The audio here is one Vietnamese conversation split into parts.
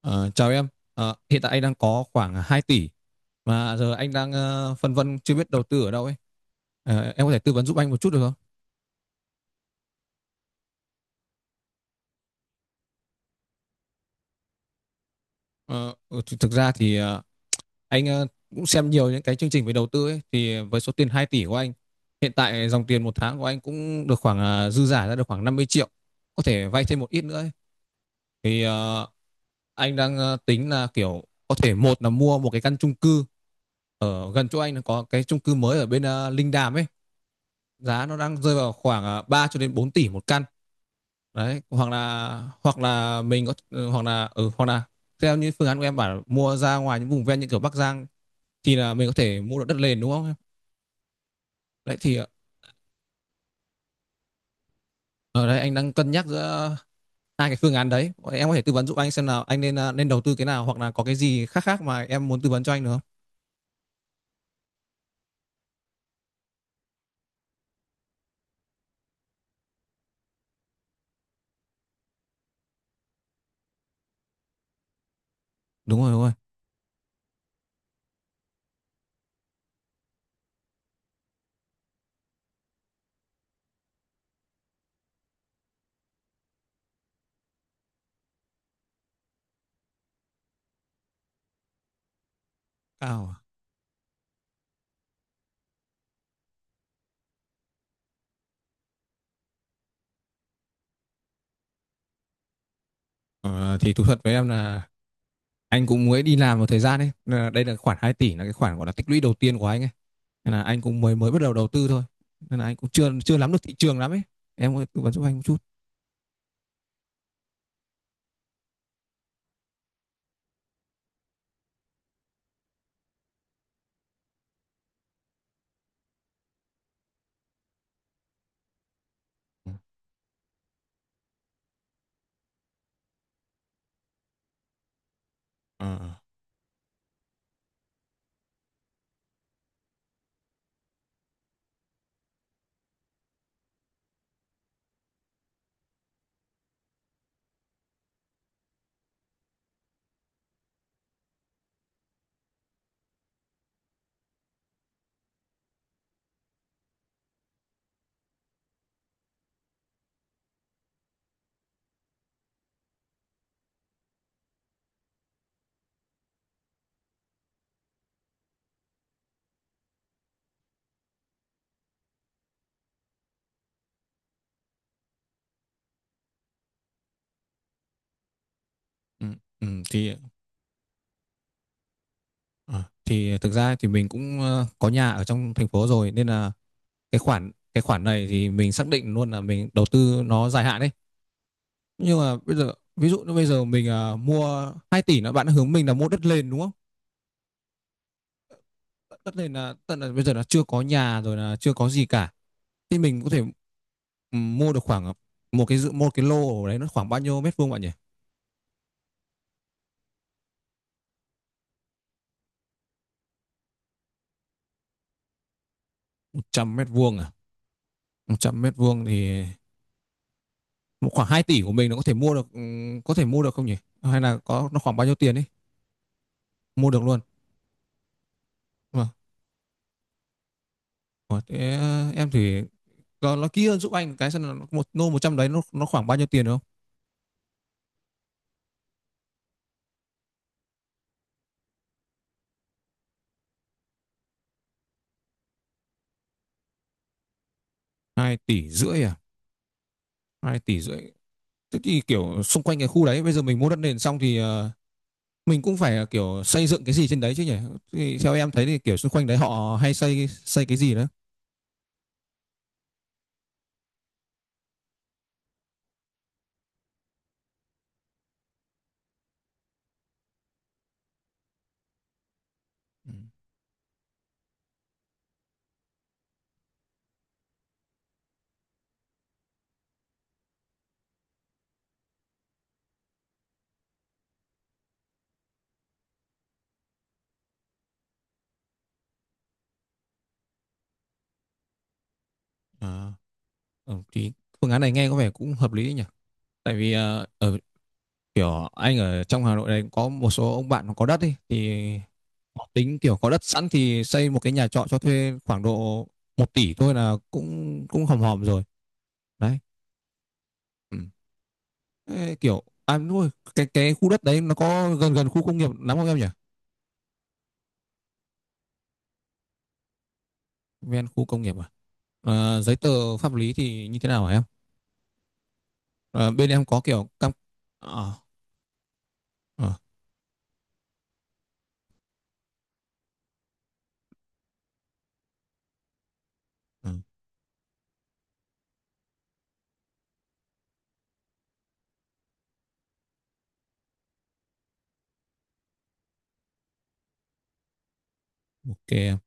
Ờ, Chào em. Hiện tại anh đang có khoảng 2 tỷ mà giờ anh đang phân vân chưa biết đầu tư ở đâu ấy. Em có thể tư vấn giúp anh một chút được không? Thực ra thì anh cũng xem nhiều những cái chương trình về đầu tư ấy thì với số tiền 2 tỷ của anh hiện tại dòng tiền một tháng của anh cũng được khoảng dư giả ra được khoảng 50 triệu có thể vay thêm một ít nữa ấy. Thì anh đang tính là kiểu có thể một là mua một cái căn chung cư ở gần chỗ anh là có cái chung cư mới ở bên Linh Đàm ấy, giá nó đang rơi vào khoảng 3 cho đến 4 tỷ một căn đấy. Hoặc là theo như phương án của em bảo mua ra ngoài những vùng ven như kiểu Bắc Giang thì là mình có thể mua được đất nền, đúng không? Đấy thì ở đây anh đang cân nhắc giữa hai cái phương án đấy. Em có thể tư vấn giúp anh xem nào anh nên nên đầu tư cái nào hoặc là có cái gì khác khác mà em muốn tư vấn cho anh được không? Đúng rồi, đúng rồi. À? Ờ, thì thú thật với em là anh cũng mới đi làm một thời gian ấy. Nên là đây là khoản 2 tỷ là cái khoản gọi là tích lũy đầu tiên của anh ấy. Nên là anh cũng mới mới bắt đầu đầu tư thôi. Nên là anh cũng chưa chưa nắm được thị trường lắm ấy. Em có tư vấn giúp anh một chút. Ờ, ờ. ừ, ừ, thì ờ, thì thực ra thì mình cũng có nhà ở trong thành phố rồi nên là cái khoản này thì mình xác định luôn là mình đầu tư nó dài hạn đấy. Nhưng mà bây giờ ví dụ như bây giờ mình mua 2 tỷ là bạn hướng mình là mua đất nền, đúng không? Tất nhiên là tận là bây giờ là chưa có nhà rồi là chưa có gì cả, thì mình có thể mua được khoảng một cái lô ở đấy nó khoảng bao nhiêu mét vuông bạn nhỉ? 100 mét vuông à? 100 mét vuông thì một khoảng 2 tỷ của mình nó có thể mua được có thể mua được không nhỉ? Hay là có nó khoảng bao nhiêu tiền ấy? Mua được luôn. Vâng. Ủa, thế em thì nó kỹ hơn giúp anh cái xem là một lô 100 đấy nó khoảng bao nhiêu tiền, đúng không? 2,5 tỷ à? 2,5 tỷ. Thế thì kiểu xung quanh cái khu đấy bây giờ mình mua đất nền xong thì mình cũng phải kiểu xây dựng cái gì trên đấy chứ nhỉ? Thì theo em thấy thì kiểu xung quanh đấy họ hay xây xây cái gì đó. Ừ. à, thì phương án này nghe có vẻ cũng hợp lý đấy nhỉ. Tại vì ờ, ở kiểu anh ở trong Hà Nội này cũng có một số ông bạn nó có đất ấy, thì họ tính kiểu có đất sẵn thì xây một cái nhà trọ cho thuê khoảng độ 1 tỷ thôi là cũng cũng hòm hòm rồi đấy. Ừ. Ê, kiểu đúng rồi, cái khu đất đấy nó có gần gần khu công nghiệp lắm không em nhỉ? Ven khu công nghiệp à? Giấy tờ pháp lý thì như thế nào hả em? Ờ, Bên em có kiểu cam ờ, ờ, ờ, ok em.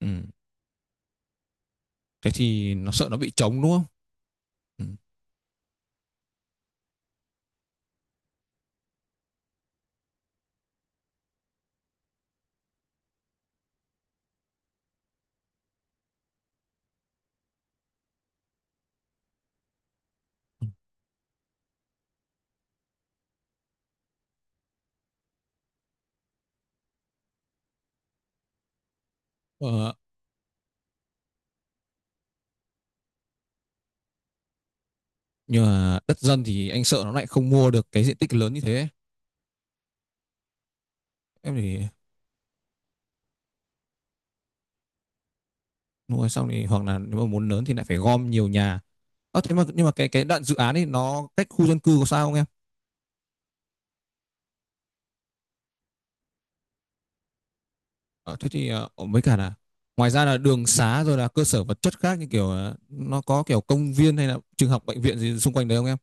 Ừ. Thế thì nó sợ nó bị trống, đúng không? Ừ. Ờ, nhưng mà đất dân thì anh sợ nó lại không mua được cái diện tích lớn như thế. Em thì mua xong thì hoặc là nếu mà muốn lớn thì lại phải gom nhiều nhà. Thế mà nhưng mà cái đoạn dự án ấy nó cách khu dân cư có sao không em? Ờ, Thế thì với cả là ngoài ra là đường xá rồi là cơ sở vật chất khác như kiểu nó có kiểu công viên hay là trường học bệnh viện gì xung quanh đấy không em?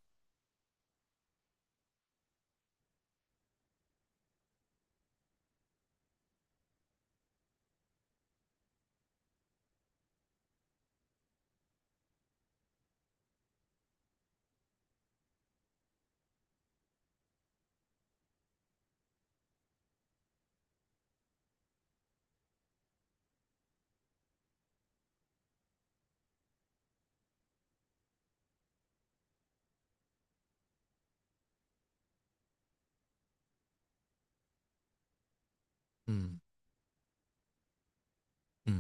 Ừ, ừ,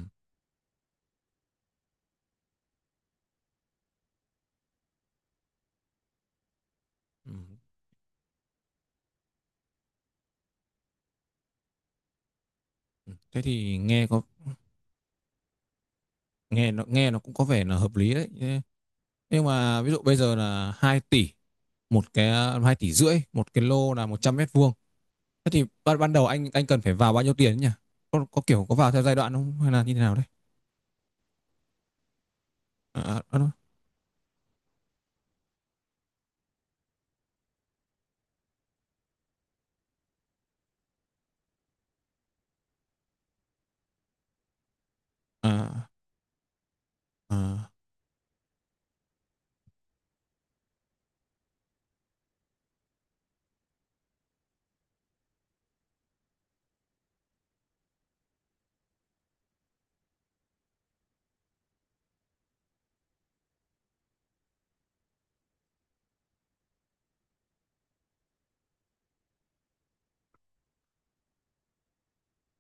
ừ, ừ. Thế thì nghe có Nghe nó cũng có vẻ là hợp lý đấy. Nhưng mà ví dụ bây giờ là một cái 2,5 tỷ một cái lô là 100 mét vuông. Thế thì ban ban đầu anh cần phải vào bao nhiêu tiền ấy nhỉ? Có kiểu có vào theo giai đoạn không hay là như thế nào đấy? À, à, à, đúng. À, à,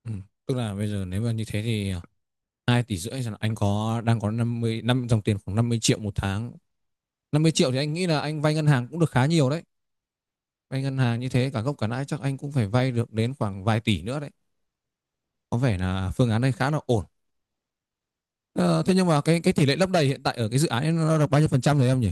ừ. Tức là bây giờ nếu mà như thế thì 2,5 tỷ là anh có đang có 50 năm dòng tiền khoảng 50 triệu một tháng. 50 triệu thì anh nghĩ là anh vay ngân hàng cũng được khá nhiều đấy. Vay ngân hàng như thế cả gốc cả lãi chắc anh cũng phải vay được đến khoảng vài tỷ nữa đấy. Có vẻ là phương án này khá là ổn. Ờ, Thế nhưng mà cái tỷ lệ lấp đầy hiện tại ở cái dự án ấy nó được bao nhiêu phần trăm rồi em nhỉ?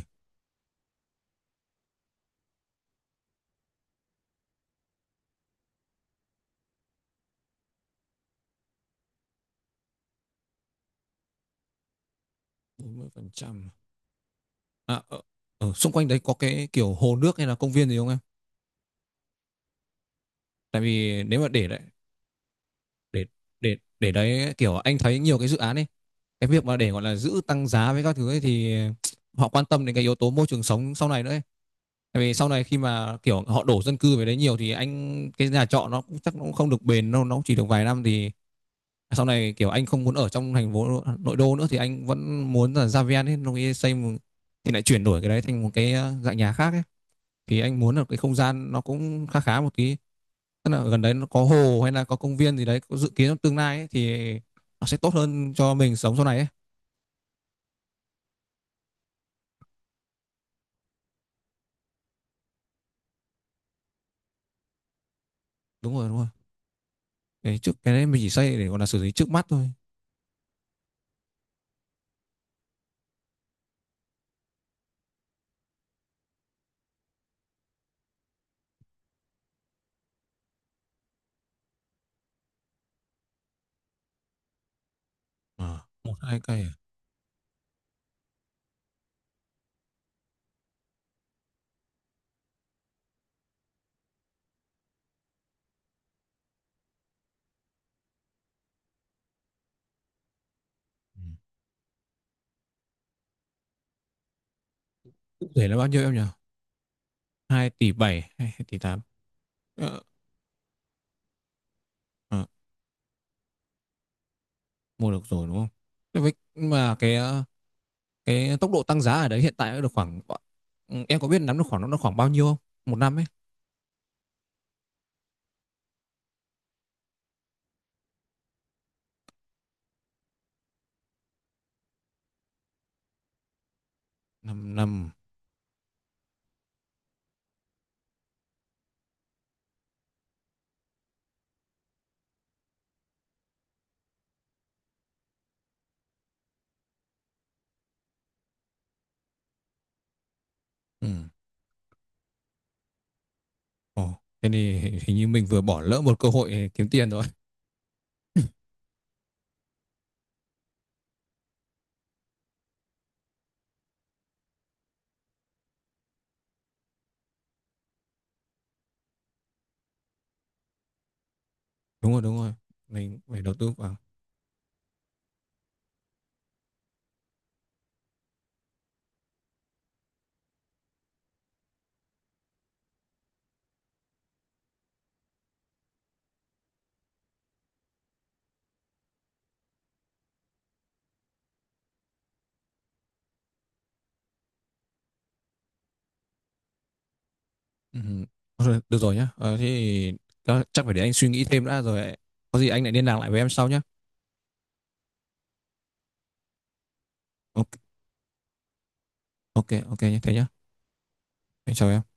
40%. À, ở xung quanh đấy có cái kiểu hồ nước hay là công viên gì không em? Tại vì nếu mà để để đấy kiểu anh thấy nhiều cái dự án ấy, cái việc mà để gọi là giữ tăng giá với các thứ ấy thì họ quan tâm đến cái yếu tố môi trường sống sau này nữa ấy. Tại vì sau này khi mà kiểu họ đổ dân cư về đấy nhiều thì anh cái nhà trọ nó cũng chắc nó cũng không được bền đâu, nó cũng chỉ được vài năm thì sau này kiểu anh không muốn ở trong thành phố nội đô nữa thì anh vẫn muốn là ra ven ấy, nó nghĩ xây một, thì lại chuyển đổi cái đấy thành một cái dạng nhà khác ấy. Thì anh muốn là cái không gian nó cũng khá khá một tí, tức là gần đấy nó có hồ hay là có công viên gì đấy, có dự kiến trong tương lai ấy, thì nó sẽ tốt hơn cho mình sống sau này ấy. Đúng rồi, đúng rồi. Cái trước cái đấy mình chỉ xây để gọi là xử lý trước mắt thôi. À, một hai cây à? Ừ. Cụ thể là bao nhiêu em nhỉ? 2,7 tỷ hay 2 tỷ tám? ờ, ờ, Mua được rồi, đúng không? Thế với mà cái cái tốc độ tăng giá ở đấy hiện tại nó được khoảng em có biết nắm được khoảng nó được khoảng bao nhiêu không? Một năm ấy. Năm năm. Ừ. Ồ, thế thì hình như mình vừa bỏ lỡ một cơ hội kiếm tiền rồi. Đúng rồi, đúng rồi. Mình phải đầu tư vào. Ừ. Thôi, được rồi nhá. Ờ, Thế thì chắc chắc phải để anh suy nghĩ thêm đã rồi. Có gì anh lại liên lạc lại với em sau nhá. Ok, ok, ok nhá. Thế nhá. Anh chào em.